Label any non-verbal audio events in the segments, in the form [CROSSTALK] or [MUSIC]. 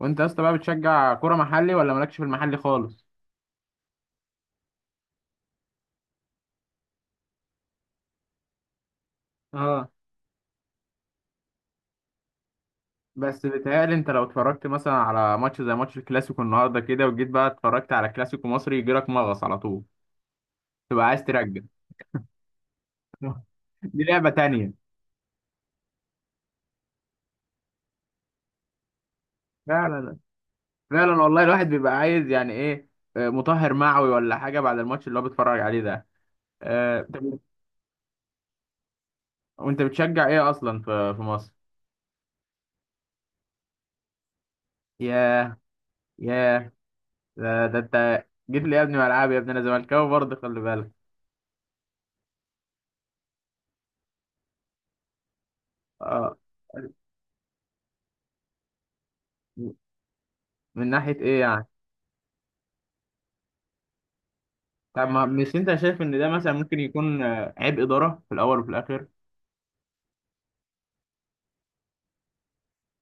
وانت يا اسطى بقى بتشجع كوره محلي ولا مالكش في المحلي خالص؟ اه، بس بيتهيألي انت لو اتفرجت مثلا على ماتش زي ماتش الكلاسيكو النهارده كده وجيت بقى اتفرجت على كلاسيكو مصري يجيلك مغص على طول، تبقى عايز ترجع. [LAUGHS] دي لعبة تانية. فعلا، فعلا والله، الواحد بيبقى عايز يعني ايه، مطهر معوي ولا حاجة بعد الماتش اللي هو بيتفرج عليه ده. طب، وانت بتشجع ايه اصلا في مصر؟ ياه، ياه، ده انت جيت لي يا ابني ملعب يا ابني، انا زملكاوي برضه، خلي بالك. اه، من ناحية إيه يعني؟ طب، ما مش أنت شايف إن ده مثلا ممكن يكون عيب إدارة في الأول وفي الآخر؟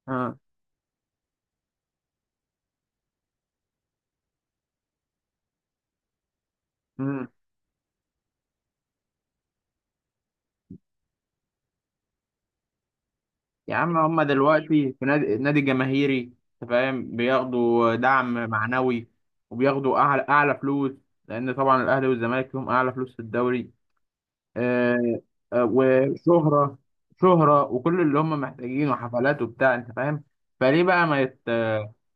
آه. مم. يا عم هما دلوقتي في نادي جماهيري، أنت فاهم، بياخدوا دعم معنوي وبياخدوا أعلى فلوس، لأن طبعا الأهلي والزمالك لهم أعلى فلوس في الدوري. آه، وشهرة، شهرة وكل اللي هم محتاجينه، حفلات وبتاع، انت فاهم. فليه بقى ما يت،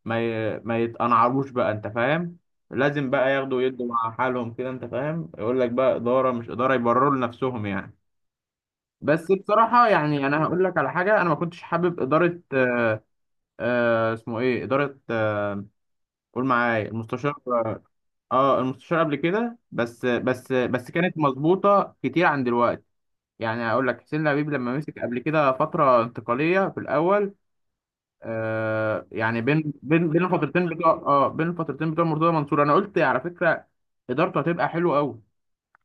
ما يتقنعروش بقى، انت فاهم؟ لازم بقى ياخدوا ويدوا مع حالهم كده، انت فاهم، يقول لك بقى إدارة مش إدارة، يبرروا لنفسهم يعني. بس بصراحة يعني أنا هقول لك على حاجة، أنا ما كنتش حابب إدارة، آه اسمه إيه إدارة قول معايا، المستشار. آه المستشار قبل كده، بس كانت مظبوطة كتير عن دلوقتي. يعني اقول لك، حسين لبيب لما مسك قبل كده فتره انتقاليه في الاول، آه يعني بين بين الفترتين بتوع، اه بين الفترتين بتوع مرتضى منصور، انا قلت على فكره ادارته هتبقى حلوه قوي.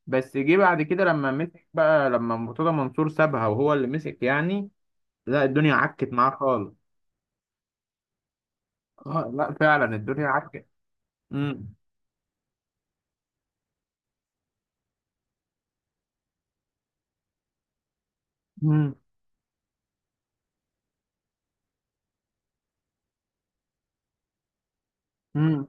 بس جه بعد كده لما مسك بقى، لما مرتضى منصور سابها وهو اللي مسك يعني، لا الدنيا عكت معاه خالص. آه لا فعلا الدنيا عكت. امم. امم.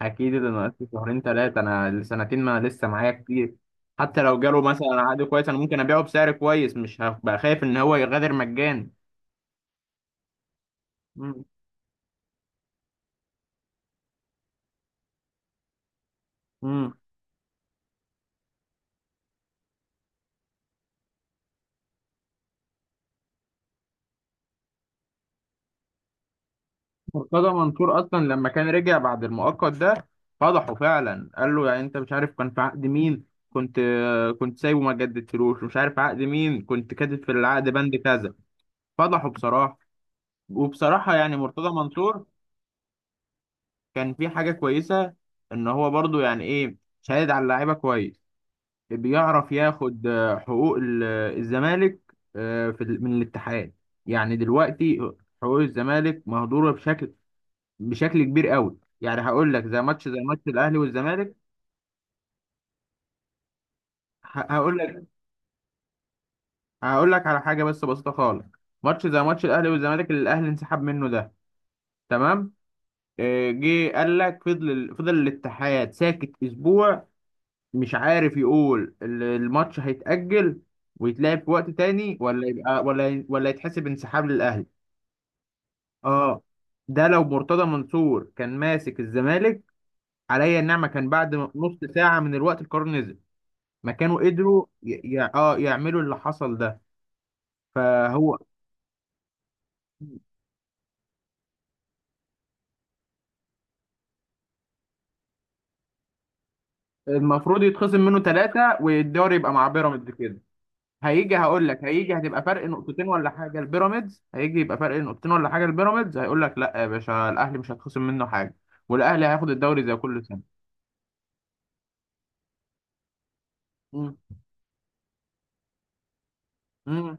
اكيد اللي ناقص لي شهرين ثلاثه، انا السنتين ما لسه معايا كتير. حتى لو جاله مثلا عقد كويس، انا ممكن ابيعه بسعر كويس، مش هبقى خايف ان هو يغادر مجاني. مم. مم. مرتضى منصور اصلا لما كان رجع بعد المؤقت ده، فضحه فعلا، قال له يعني انت مش عارف كان في عقد مين، كنت كنت سايبه ما جددتلوش، مش عارف عقد مين، كنت كاتب في العقد بند كذا. فضحه بصراحه. وبصراحه يعني مرتضى منصور كان في حاجه كويسه، ان هو برضو يعني ايه، شهد على اللعيبه كويس، بيعرف ياخد حقوق الزمالك في من الاتحاد. يعني دلوقتي حقوق الزمالك مهدورة بشكل كبير قوي، يعني هقول لك زي ماتش، زي ماتش الاهلي والزمالك. هقول لك، هقول لك على حاجة بس بسيطة خالص، ماتش زي ماتش الاهلي والزمالك اللي الاهلي انسحب منه ده، تمام، جه قال لك، فضل الاتحاد ساكت اسبوع مش عارف يقول الماتش هيتأجل ويتلعب في وقت تاني، ولا يبقى ولا يتحسب انسحاب للاهلي. اه، ده لو مرتضى منصور كان ماسك الزمالك، عليا النعمه كان بعد نص ساعه من الوقت القرار نزل، ما كانوا قدروا ي... ي... اه يعملوا اللي حصل ده. فهو المفروض يتخصم منه ثلاثه والدوري يبقى مع بيراميدز كده. هيجي، هقول لك، هيجي هتبقى فرق نقطتين ولا حاجه، البيراميدز هيجي يبقى فرق نقطتين ولا حاجه، البيراميدز هيقول لك لا يا باشا، الاهلي مش هتخصم منه حاجه، والاهلي هياخد الدوري زي كل سنه. امم. امم.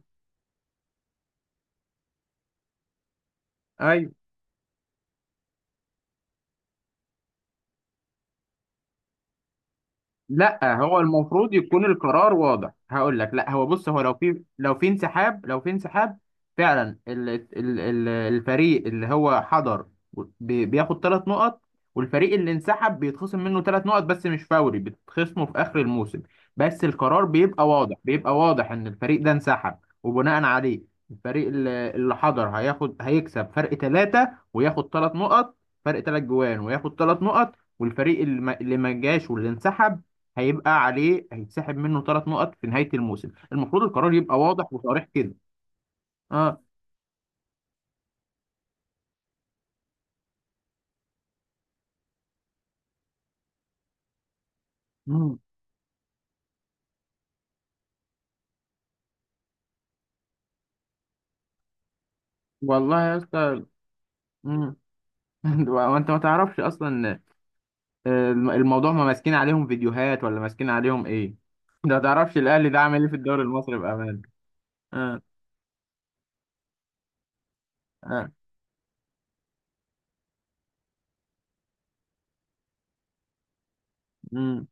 لا هو المفروض يكون القرار واضح، هقول لك لا هو بص، هو لو في، لو في انسحاب، فعلا ال الفريق اللي هو حضر بياخد ثلاث نقط، والفريق اللي انسحب بيتخصم منه ثلاث نقط، بس مش فوري، بتتخصمه في اخر الموسم. بس القرار بيبقى واضح، بيبقى واضح ان الفريق ده انسحب، وبناء عليه الفريق اللي حضر هياخد، هيكسب فرق ثلاثة وياخد ثلاث نقط، فرق ثلاث جوان وياخد ثلاث نقط، والفريق اللي ما جاش واللي انسحب هيبقى عليه، هيتسحب منه ثلاث نقط في نهاية الموسم. المفروض القرار يبقى واضح وصريح كده. اه. مم. والله يا اسطى. مم. [LAUGHS] وانت ما تعرفش اصلا، الموضوع ما ماسكين عليهم فيديوهات ولا ماسكين عليهم ايه؟ [LAUGHS] ده ما تعرفش الاهلي ده عامل ايه في الدوري المصري بامان. اه. اه. مم.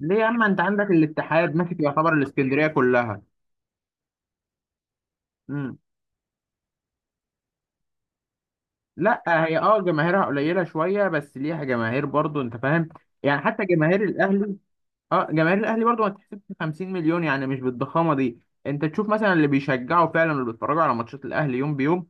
ليه يا اما انت عندك الاتحاد ماسك يعتبر الاسكندرية كلها. مم. لا هي اه جماهيرها قليلة شوية، بس ليها جماهير برضو انت فاهم، يعني حتى جماهير الاهلي، اه جماهير الاهلي برضو ما تحسبش 50 مليون، يعني مش بالضخامه دي. انت تشوف مثلا اللي بيشجعوا فعلا، اللي بيتفرجوا على ماتشات الاهلي يوم بيوم،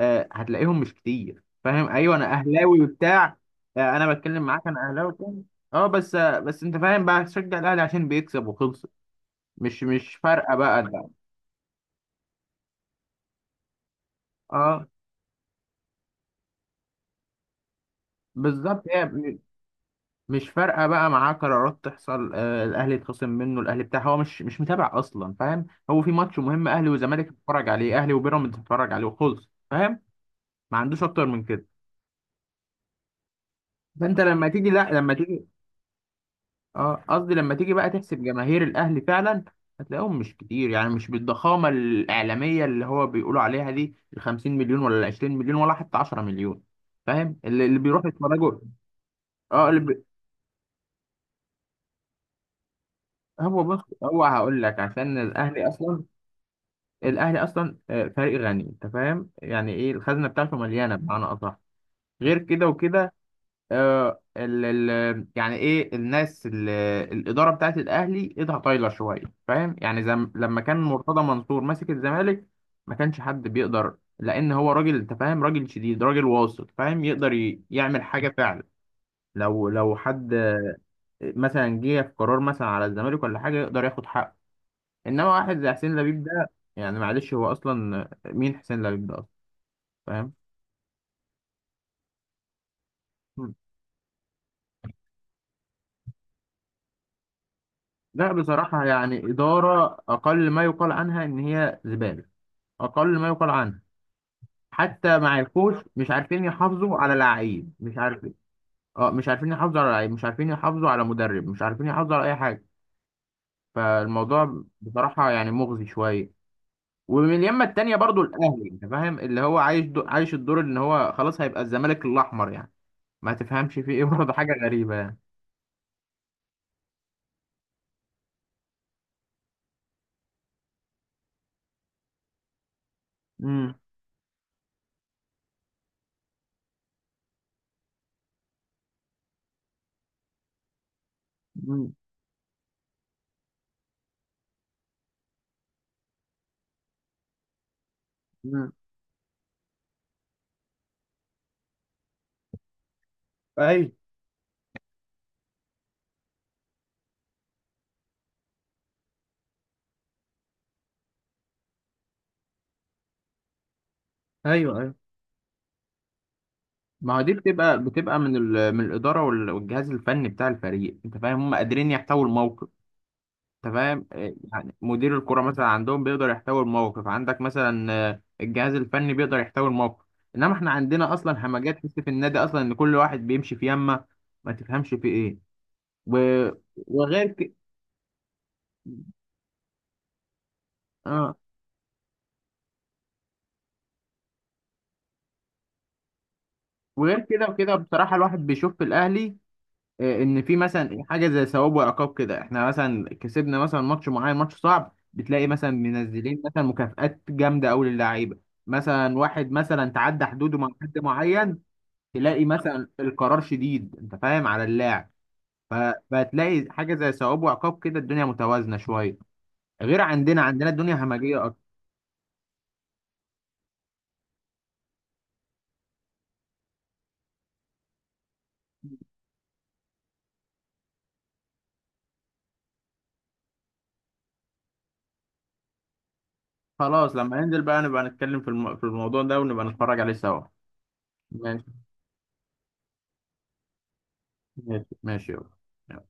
آه هتلاقيهم مش كتير، فاهم؟ ايوه انا اهلاوي وبتاع، آه انا بتكلم معاك، انا اهلاوي وبتاع، اه بس آه بس انت فاهم بقى، تشجع الاهلي عشان بيكسب وخلص. مش فارقه بقى ده. اه، بالظبط، مش فارقه بقى معاه قرارات تحصل، آه الاهلي يتخصم منه، الاهلي بتاع هو مش متابع اصلا فاهم، هو في ماتش مهم اهلي وزمالك بيتفرج عليه، اهلي وبيراميدز بيتفرج عليه وخلص، ما عندوش اكتر من كده. فانت لما تيجي، لا لما تيجي اه قصدي لما تيجي بقى تحسب جماهير الاهلي فعلا، هتلاقيهم مش كتير، يعني مش بالضخامه الاعلاميه اللي هو بيقولوا عليها دي، ال 50 مليون ولا ال 20 مليون ولا حتى 10 مليون، فاهم اللي بيروحوا يتفرجوا. اه هو بص، هو هقول لك عشان الاهلي اصلا، الاهلي اصلا فريق غني، انت فاهم يعني ايه، الخزنه بتاعته مليانه بمعنى اصح، غير كده وكده آه، ال ال يعني ايه، الاداره بتاعت الاهلي ايدها طايله شويه فاهم، يعني زم لما كان مرتضى منصور ماسك الزمالك ما كانش حد بيقدر، لان هو راجل انت فاهم، راجل شديد راجل واثق فاهم، يقدر يعمل حاجه فعلا، لو حد مثلا جه في قرار مثلا على الزمالك ولا حاجه، يقدر ياخد حقه. انما واحد زي حسين لبيب ده، يعني معلش، هو اصلا مين حسين لبيب ده اصلا فاهم؟ لا بصراحه يعني اداره اقل ما يقال عنها ان هي زباله، اقل ما يقال عنه. حتى مع الكوش مش عارفين يحافظوا على لعيب، مش عارفين، اه مش عارفين يحافظوا على لعيب، مش عارفين يحافظوا على مدرب، مش عارفين يحافظوا على اي حاجه. فالموضوع بصراحه يعني مغزي شويه. ومن اليمه التانيه برضو الاهلي، انت فاهم، اللي هو عايش عايش الدور ان هو خلاص هيبقى الزمالك الاحمر يعني، ما تفهمش فيه ايه برضه، حاجه غريبه يعني. امم. امم. امم. ايوه. ايوه. ايوه. ما هو دي بتبقى، من الاداره والجهاز الفني بتاع الفريق، انت فاهم، هم قادرين يحتووا الموقف. تمام، يعني مدير الكرة مثلا عندهم بيقدر يحتوي الموقف، عندك مثلا الجهاز الفني بيقدر يحتوي الموقف. انما احنا عندنا اصلا همجات، تحس في النادي اصلا ان كل واحد بيمشي في يمه، ما تفهمش في ايه، و... وغير ك... آه. وغير كده وكده بصراحة الواحد بيشوف في الاهلي ان في مثلا حاجة زي ثواب وعقاب كده، احنا مثلا كسبنا مثلا ماتش معين، ماتش صعب، بتلاقي مثلا منزلين مثلا مكافآت جامدة قوي للعيبة، مثلا واحد مثلا تعدى حدوده مع حد معين، تلاقي مثلا القرار شديد انت فاهم على اللاعب، فبتلاقي حاجه زي ثواب وعقاب كده، الدنيا متوازنه شويه. غير عندنا، عندنا الدنيا همجيه اكتر. خلاص، لما ننزل بقى نبقى نتكلم في في الموضوع ده ونبقى نتفرج عليه سوا. ماشي، ماشي ماشي يلا.